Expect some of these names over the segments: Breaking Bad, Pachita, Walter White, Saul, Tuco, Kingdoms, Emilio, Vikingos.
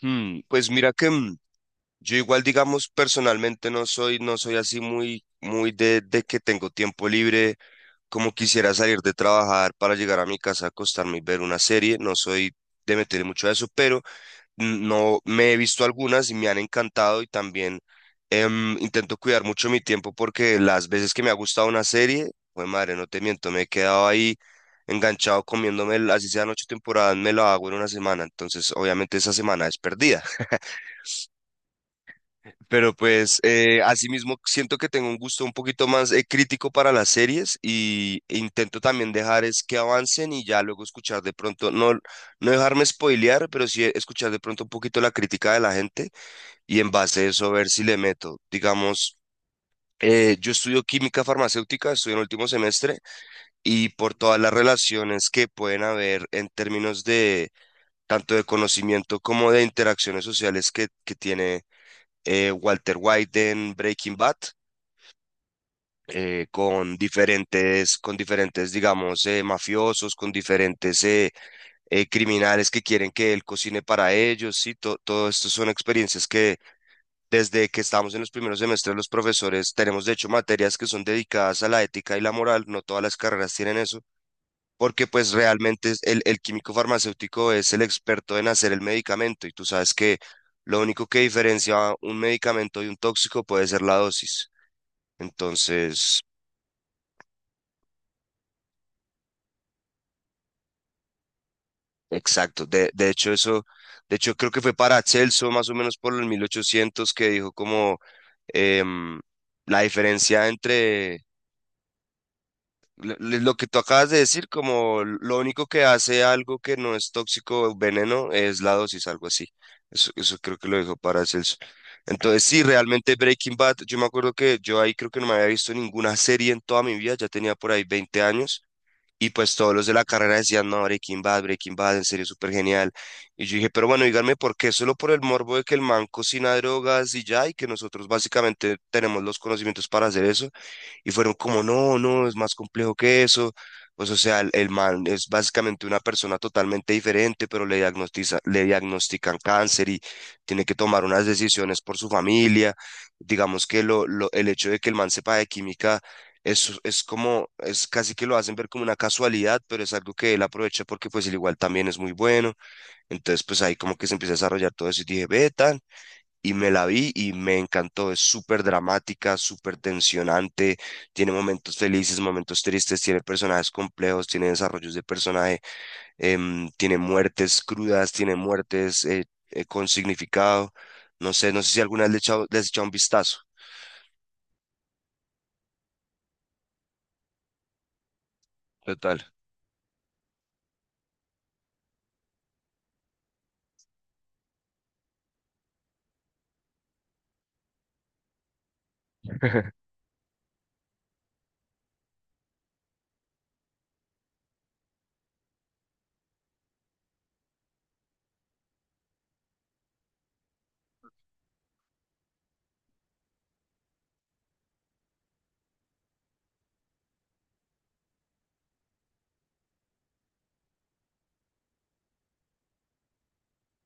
Pues mira que yo igual, digamos, personalmente no soy así muy, muy de que tengo tiempo libre, como quisiera salir de trabajar para llegar a mi casa, acostarme y ver una serie. No soy de meterle mucho a eso, pero no me he visto algunas y me han encantado. Y también intento cuidar mucho mi tiempo, porque las veces que me ha gustado una serie, pues madre, no te miento, me he quedado ahí enganchado comiéndome, así sean ocho temporadas, me lo hago en una semana. Entonces, obviamente, esa semana es perdida. Pero pues asimismo siento que tengo un gusto un poquito más crítico para las series, e intento también dejar es que avancen y ya luego escuchar de pronto, no, no dejarme spoilear, pero sí escuchar de pronto un poquito la crítica de la gente, y en base a eso ver si le meto. Digamos, yo estudio química farmacéutica, estoy en el último semestre, y por todas las relaciones que pueden haber en términos de, tanto de conocimiento como de interacciones sociales, que tiene Walter White en Breaking Bad, con diferentes, digamos, mafiosos, con diferentes criminales que quieren que él cocine para ellos, ¿sí? Todo esto son experiencias que desde que estamos en los primeros semestres los profesores tenemos, de hecho, materias que son dedicadas a la ética y la moral. No todas las carreras tienen eso. Porque pues realmente el químico farmacéutico es el experto en hacer el medicamento, y tú sabes que lo único que diferencia un medicamento de un tóxico puede ser la dosis. Entonces, exacto. De hecho, eso, de hecho, creo que fue para Celso, más o menos por el 1800, que dijo como em, la diferencia entre lo que tú acabas de decir, como lo único que hace algo que no es tóxico o veneno es la dosis, algo así. Eso creo que lo dijo para Celso. Entonces, sí, realmente Breaking Bad, yo me acuerdo que yo ahí creo que no me había visto ninguna serie en toda mi vida. Ya tenía por ahí 20 años. Y pues todos los de la carrera decían, no, Breaking Bad, Breaking Bad, en serio, súper genial. Y yo dije, pero bueno, díganme por qué. Solo por el morbo de que el man cocina drogas y ya, y que nosotros básicamente tenemos los conocimientos para hacer eso. Y fueron como, no, no, es más complejo que eso. Pues, o sea, el man es básicamente una persona totalmente diferente, pero le diagnostican cáncer y tiene que tomar unas decisiones por su familia. Digamos que el hecho de que el man sepa de química es como, es casi que lo hacen ver como una casualidad, pero es algo que él aprovecha, porque pues el igual también es muy bueno. Entonces, pues ahí como que se empieza a desarrollar todo eso y dije, ve, tan, y me la vi y me encantó. Es súper dramática, súper tensionante, tiene momentos felices, momentos tristes, tiene personajes complejos, tiene desarrollos de personaje, tiene muertes crudas, tiene muertes con significado. No sé, no sé si alguna vez le has echado un vistazo. Total.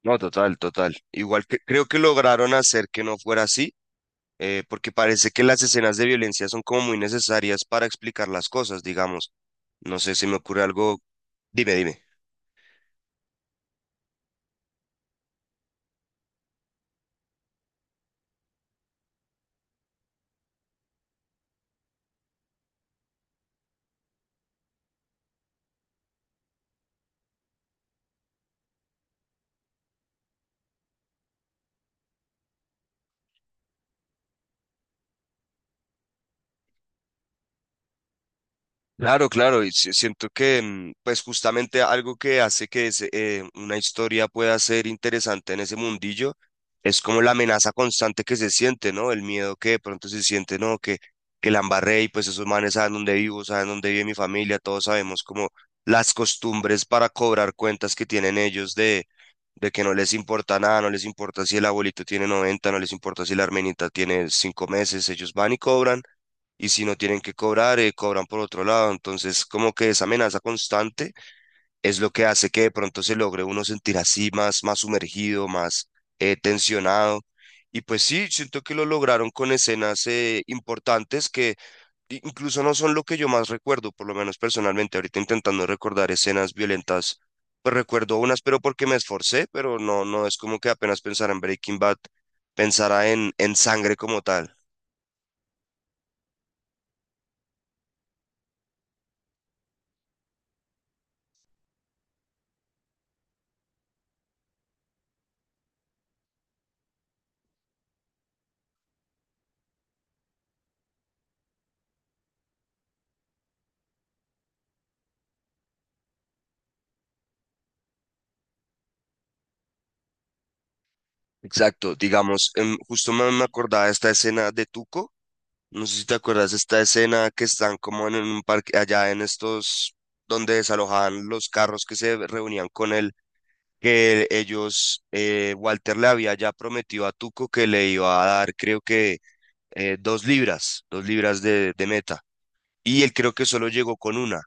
No, total, total. Igual que creo que lograron hacer que no fuera así, porque parece que las escenas de violencia son como muy necesarias para explicar las cosas, digamos. No sé si me ocurre algo. Dime, dime. Claro, claro, y siento que pues justamente algo que hace que una historia pueda ser interesante en ese mundillo es como la amenaza constante que se siente, ¿no? El miedo que de pronto se siente, ¿no? Que la embarré, y pues esos manes saben dónde vivo, saben dónde vive mi familia, todos sabemos como las costumbres para cobrar cuentas que tienen ellos de que no les importa nada, no les importa si el abuelito tiene 90, no les importa si la hermanita tiene 5 meses. Ellos van y cobran, y si no tienen que cobrar, cobran por otro lado. Entonces, como que esa amenaza constante es lo que hace que de pronto se logre uno sentir así más, más sumergido, más tensionado. Y pues sí, siento que lo lograron con escenas importantes, que incluso no son lo que yo más recuerdo. Por lo menos personalmente, ahorita, intentando recordar escenas violentas, pues recuerdo unas, pero porque me esforcé. Pero no, no es como que apenas pensara en Breaking Bad, pensara en sangre como tal. Exacto. Digamos, justo me acordaba de esta escena de Tuco. No sé si te acuerdas de esta escena, que están como en un parque allá en estos donde desalojaban los carros, que se reunían con él, que ellos, Walter le había ya prometido a Tuco que le iba a dar, creo que dos libras de meta, y él creo que solo llegó con una.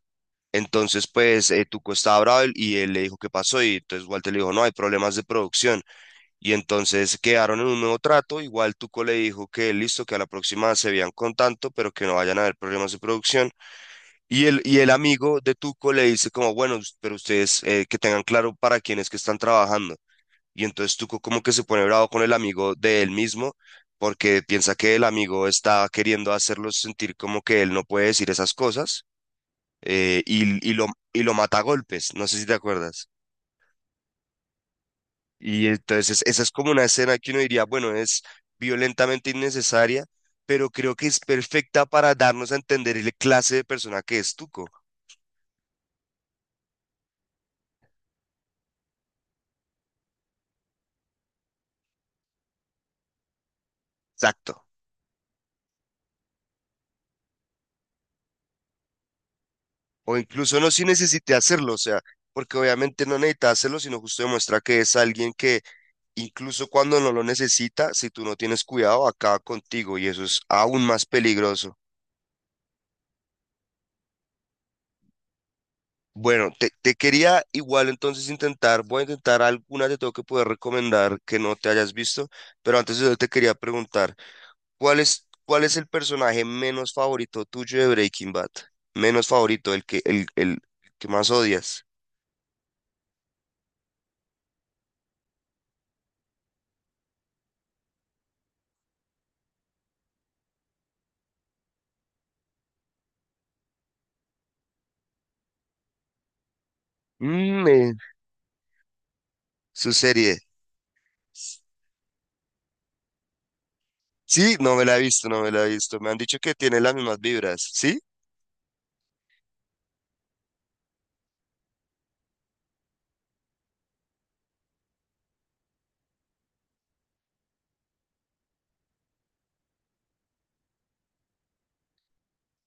Entonces, pues, Tuco estaba bravo, y él le dijo qué pasó, y entonces Walter le dijo, no, hay problemas de producción. Y entonces quedaron en un nuevo trato. Igual Tuco le dijo que listo, que a la próxima se vean con tanto, pero que no vayan a haber problemas de producción. Y el amigo de Tuco le dice como, bueno, pero ustedes que tengan claro para quién es que están trabajando. Y entonces Tuco como que se pone bravo con el amigo de él mismo, porque piensa que el amigo está queriendo hacerlo sentir como que él no puede decir esas cosas. eh, y, y lo, y lo mata a golpes. No sé si te acuerdas. Y entonces esa es como una escena que uno diría, bueno, es violentamente innecesaria, pero creo que es perfecta para darnos a entender la clase de persona que es Tuco. Exacto. O incluso no si necesite hacerlo, o sea, porque obviamente no necesita hacerlo, sino justo demuestra que es alguien que incluso cuando no lo necesita, si tú no tienes cuidado, acaba contigo, y eso es aún más peligroso. Bueno, te quería, igual entonces intentar, voy a intentar algunas de, tengo que poder recomendar que no te hayas visto. Pero antes de eso te quería preguntar, ¿Cuál es el personaje menos favorito tuyo de Breaking Bad? Menos favorito, el que más odias. Mm, eh, Su serie. Sí, no me la he visto, no me la he visto. Me han dicho que tiene las mismas vibras, ¿sí?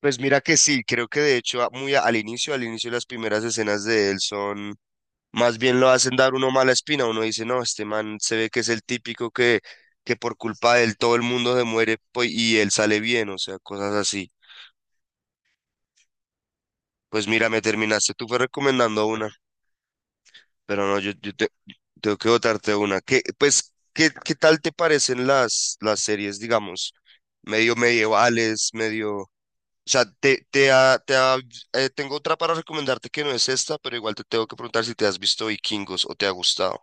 Pues mira que sí, creo que de hecho al inicio las primeras escenas de él son más bien lo hacen dar uno mala espina. Uno dice, no, este man se ve que es el típico que, por culpa de él todo el mundo se muere pues, y él sale bien, o sea, cosas así. Pues mira, me terminaste tú fue recomendando una, pero no, tengo que votarte una. ¿Qué tal te parecen las series, digamos, medio medievales, medio... O sea, tengo otra para recomendarte que no es esta, pero igual te tengo que preguntar si te has visto Vikingos o te ha gustado.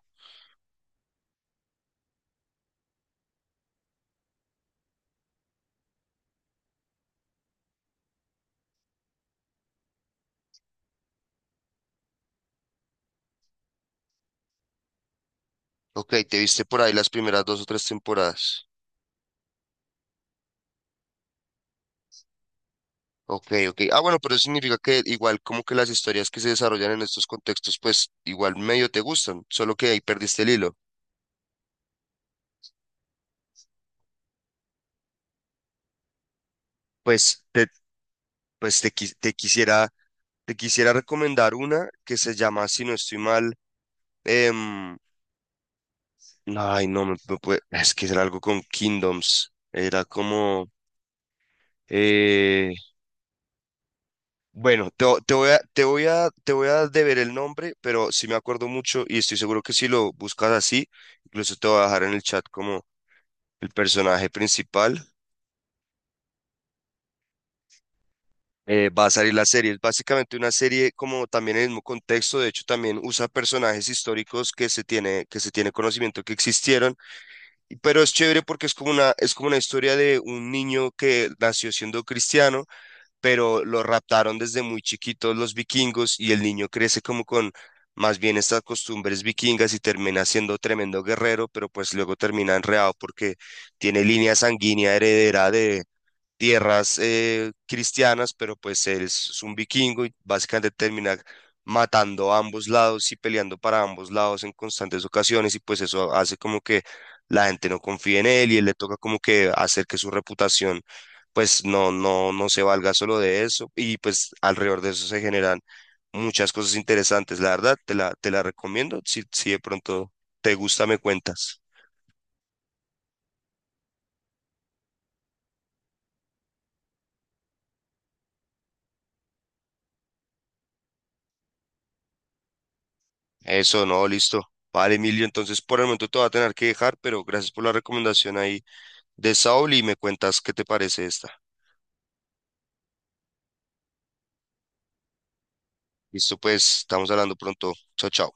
Ok, te viste por ahí las primeras dos o tres temporadas. Ok, ok. Ah, bueno, pero eso significa que igual como que las historias que se desarrollan en estos contextos, pues igual medio te gustan, solo que ahí perdiste el hilo. Pues te, pues te, quis- te quisiera recomendar una que se llama, si no estoy mal, em, ay, no, es que era algo con Kingdoms. Era como, bueno, te, vo- te voy a, te voy a, te voy a deber el nombre, pero sí me acuerdo mucho y estoy seguro que si lo buscas así, incluso te voy a dejar en el chat como el personaje principal, va a salir la serie. Es básicamente una serie como también en el mismo contexto. De hecho, también usa personajes históricos que se tiene conocimiento que existieron, pero es chévere porque es como una historia de un niño que nació siendo cristiano, pero lo raptaron desde muy chiquitos los vikingos, y el niño crece como con más bien estas costumbres vikingas y termina siendo tremendo guerrero. Pero pues luego termina enredado porque tiene línea sanguínea heredera de tierras cristianas, pero pues él es un vikingo, y básicamente termina matando a ambos lados y peleando para ambos lados en constantes ocasiones, y pues eso hace como que la gente no confíe en él, y él le toca como que hacer que su reputación pues no se valga solo de eso. Y pues alrededor de eso se generan muchas cosas interesantes, la verdad, te la recomiendo, si, si de pronto te gusta me cuentas. Eso, no, listo. Vale, Emilio, entonces por el momento te voy a tener que dejar, pero gracias por la recomendación ahí de Saul y me cuentas qué te parece esta. Listo, pues, estamos hablando pronto. Chao, chao.